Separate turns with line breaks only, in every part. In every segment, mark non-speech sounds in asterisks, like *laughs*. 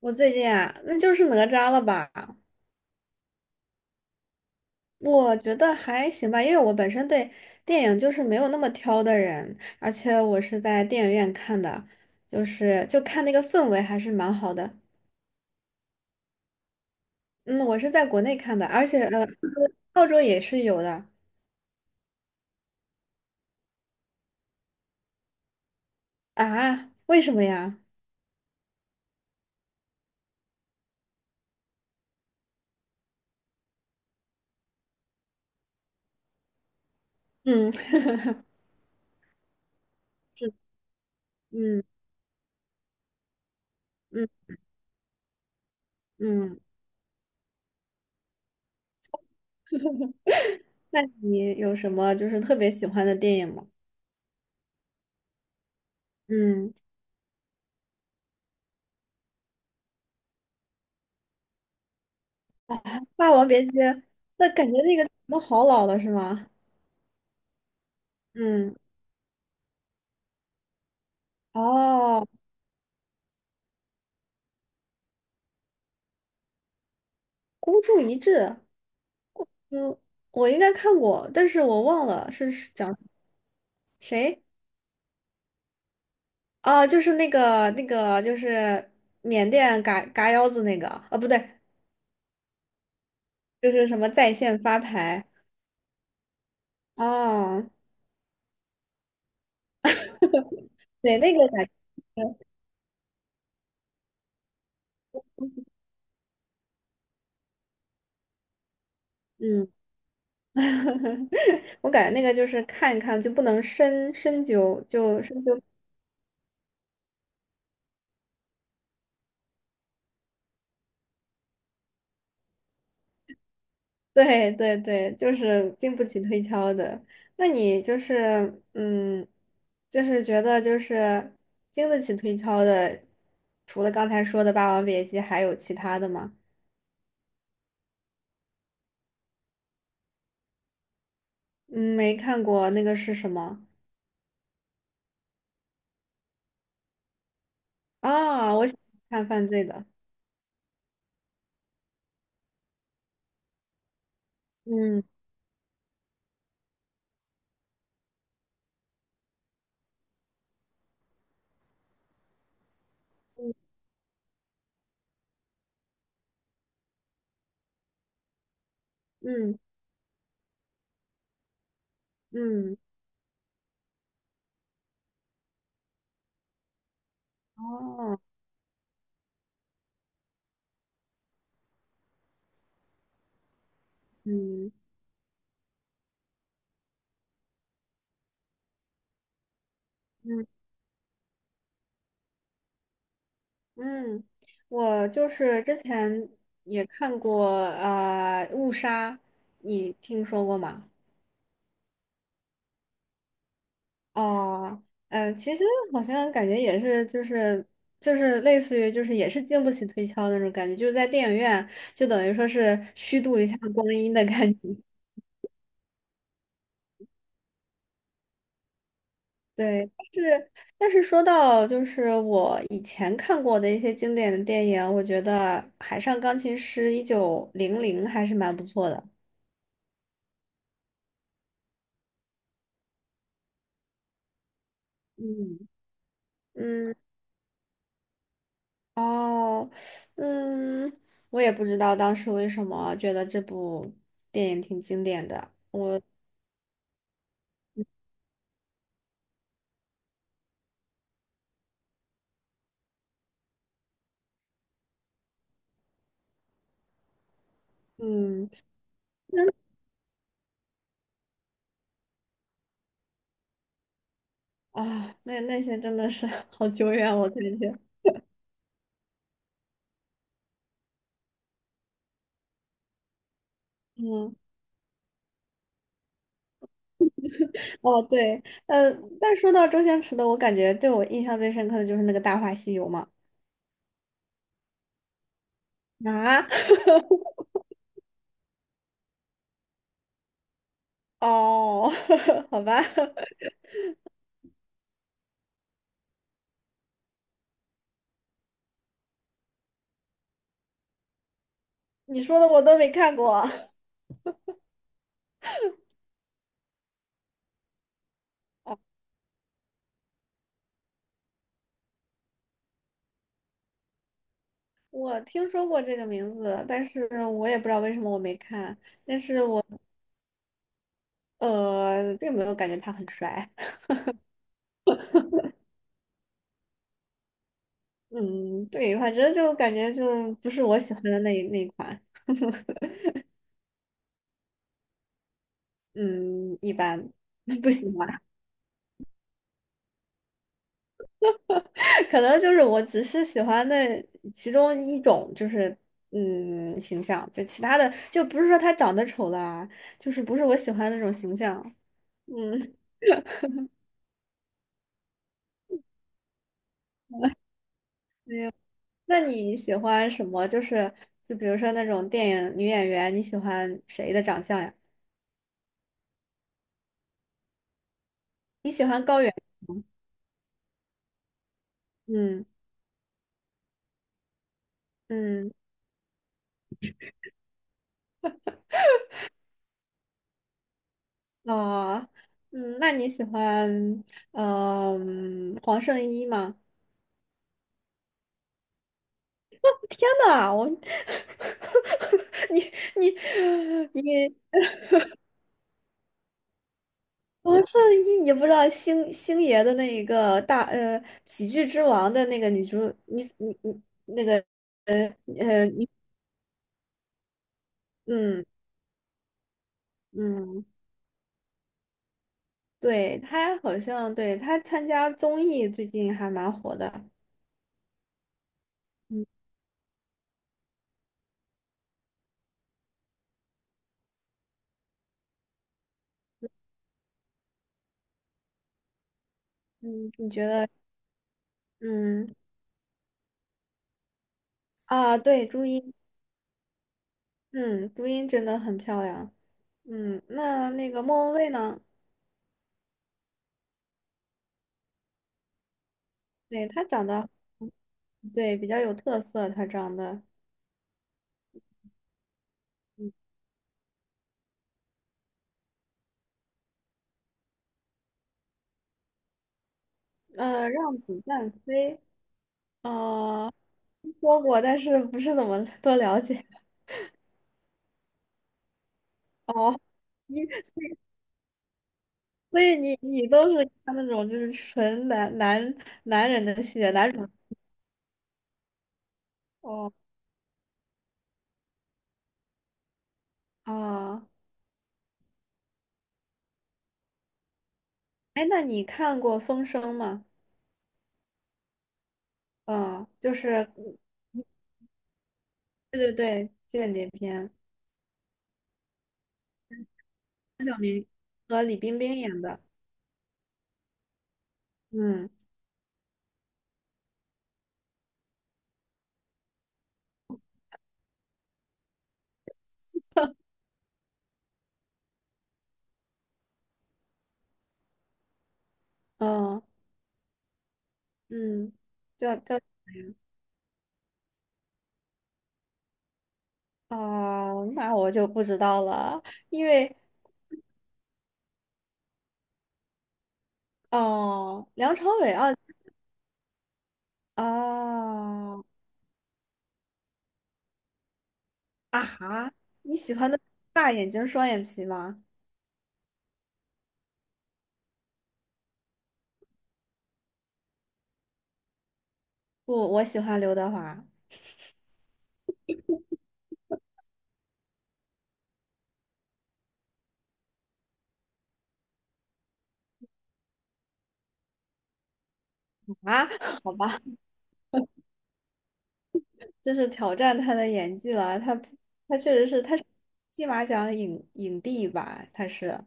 我最近啊，那就是哪吒了吧？我觉得还行吧，因为我本身对电影就是没有那么挑的人，而且我是在电影院看的，就看那个氛围还是蛮好的。嗯，我是在国内看的，而且澳洲也是有的。啊？为什么呀？嗯 *laughs*，嗯嗯嗯。*laughs* 那你有什么就是特别喜欢的电影吗？嗯，《霸王别姬》，那感觉那个都好老了是吗？嗯。哦，孤注一掷。嗯，我应该看过，但是我忘了是讲谁。啊？就是那个那个，就是缅甸嘎嘎腰子那个啊，不对，就是什么在线发牌。哦，对，那个感觉，嗯。*laughs* 我感觉那个就是看一看就不能深究。*laughs* 对对对，就是经不起推敲的。那你就是，嗯，就是觉得就是经得起推敲的，除了刚才说的《霸王别姬》，还有其他的吗？嗯，没看过，那个是什么？啊？我喜欢看犯罪的。嗯嗯嗯，哦，嗯嗯嗯，我就是之前也看过啊，误杀》，你听说过吗？哦，嗯，其实好像感觉也是，就是类似于就是也是经不起推敲的那种感觉，就是在电影院就等于说是虚度一下光阴的感觉。*laughs* 对，但是说到就是我以前看过的一些经典的电影，我觉得《海上钢琴师》1900还是蛮不错的。嗯嗯哦嗯，我也不知道当时为什么觉得这部电影挺经典的。嗯。*laughs* 真那些真的是 *laughs* 好久远，我感觉。嗯，哦对，呃，但说到周星驰的，我感觉对我印象最深刻的就是那个《大话西游》嘛。啊，*laughs* 哦，*laughs* 好吧。*laughs* 你说的我都没看过。哦，我听说过这个名字，但是我也不知道为什么我没看。并没有感觉他很帅。*laughs* 嗯，对，反正就感觉就不是我喜欢的那一款。嗯，一般。 *laughs* 不喜欢。可能就是我只是喜欢那其中一种，就是形象，就其他的就不是说他长得丑啦，就是不是我喜欢的那种形象。嗯，那你喜欢什么？就比如说那种电影女演员，你喜欢谁的长相呀？嗯嗯哦嗯，那你喜欢黄圣依吗？天呐，我 *laughs* 你你你。王圣依，你不知道星星爷的那一个喜剧之王的那个女主女女女那个呃呃女嗯嗯，对，她好像对她参加综艺最近还蛮火的。嗯嗯，你觉得嗯啊，对，朱茵。嗯，朱茵真的很漂亮。嗯，那个莫文蔚呢？对，她长得，对，比较有特色，她长得。嗯，让子弹飞。啊，说过，但是不是怎么多了解。哦，你所以你都是看那种就是纯男人的戏，男主。哦啊，哎，那你看过《风声》吗？嗯，就是对对对，间谍片，和李冰冰演的。嗯嗯嗯，叫什么呀？哦，那我就不知道了，因为哦，梁朝伟啊。哦，啊哈，你喜欢的大眼睛双眼皮吗？不，我喜欢刘德华啊。*laughs* 好吧，这是挑战他的演技了。他确实是，他是金马奖影帝吧？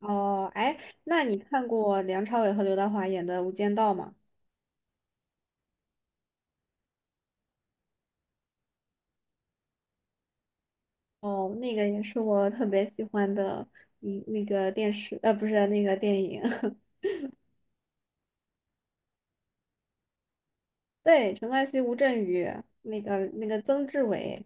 哦，哎，那你看过梁朝伟和刘德华演的《无间道》吗？哦，那个也是我特别喜欢的那个电视，不是那个电影。*laughs* 对，陈冠希、吴镇宇，那个曾志伟。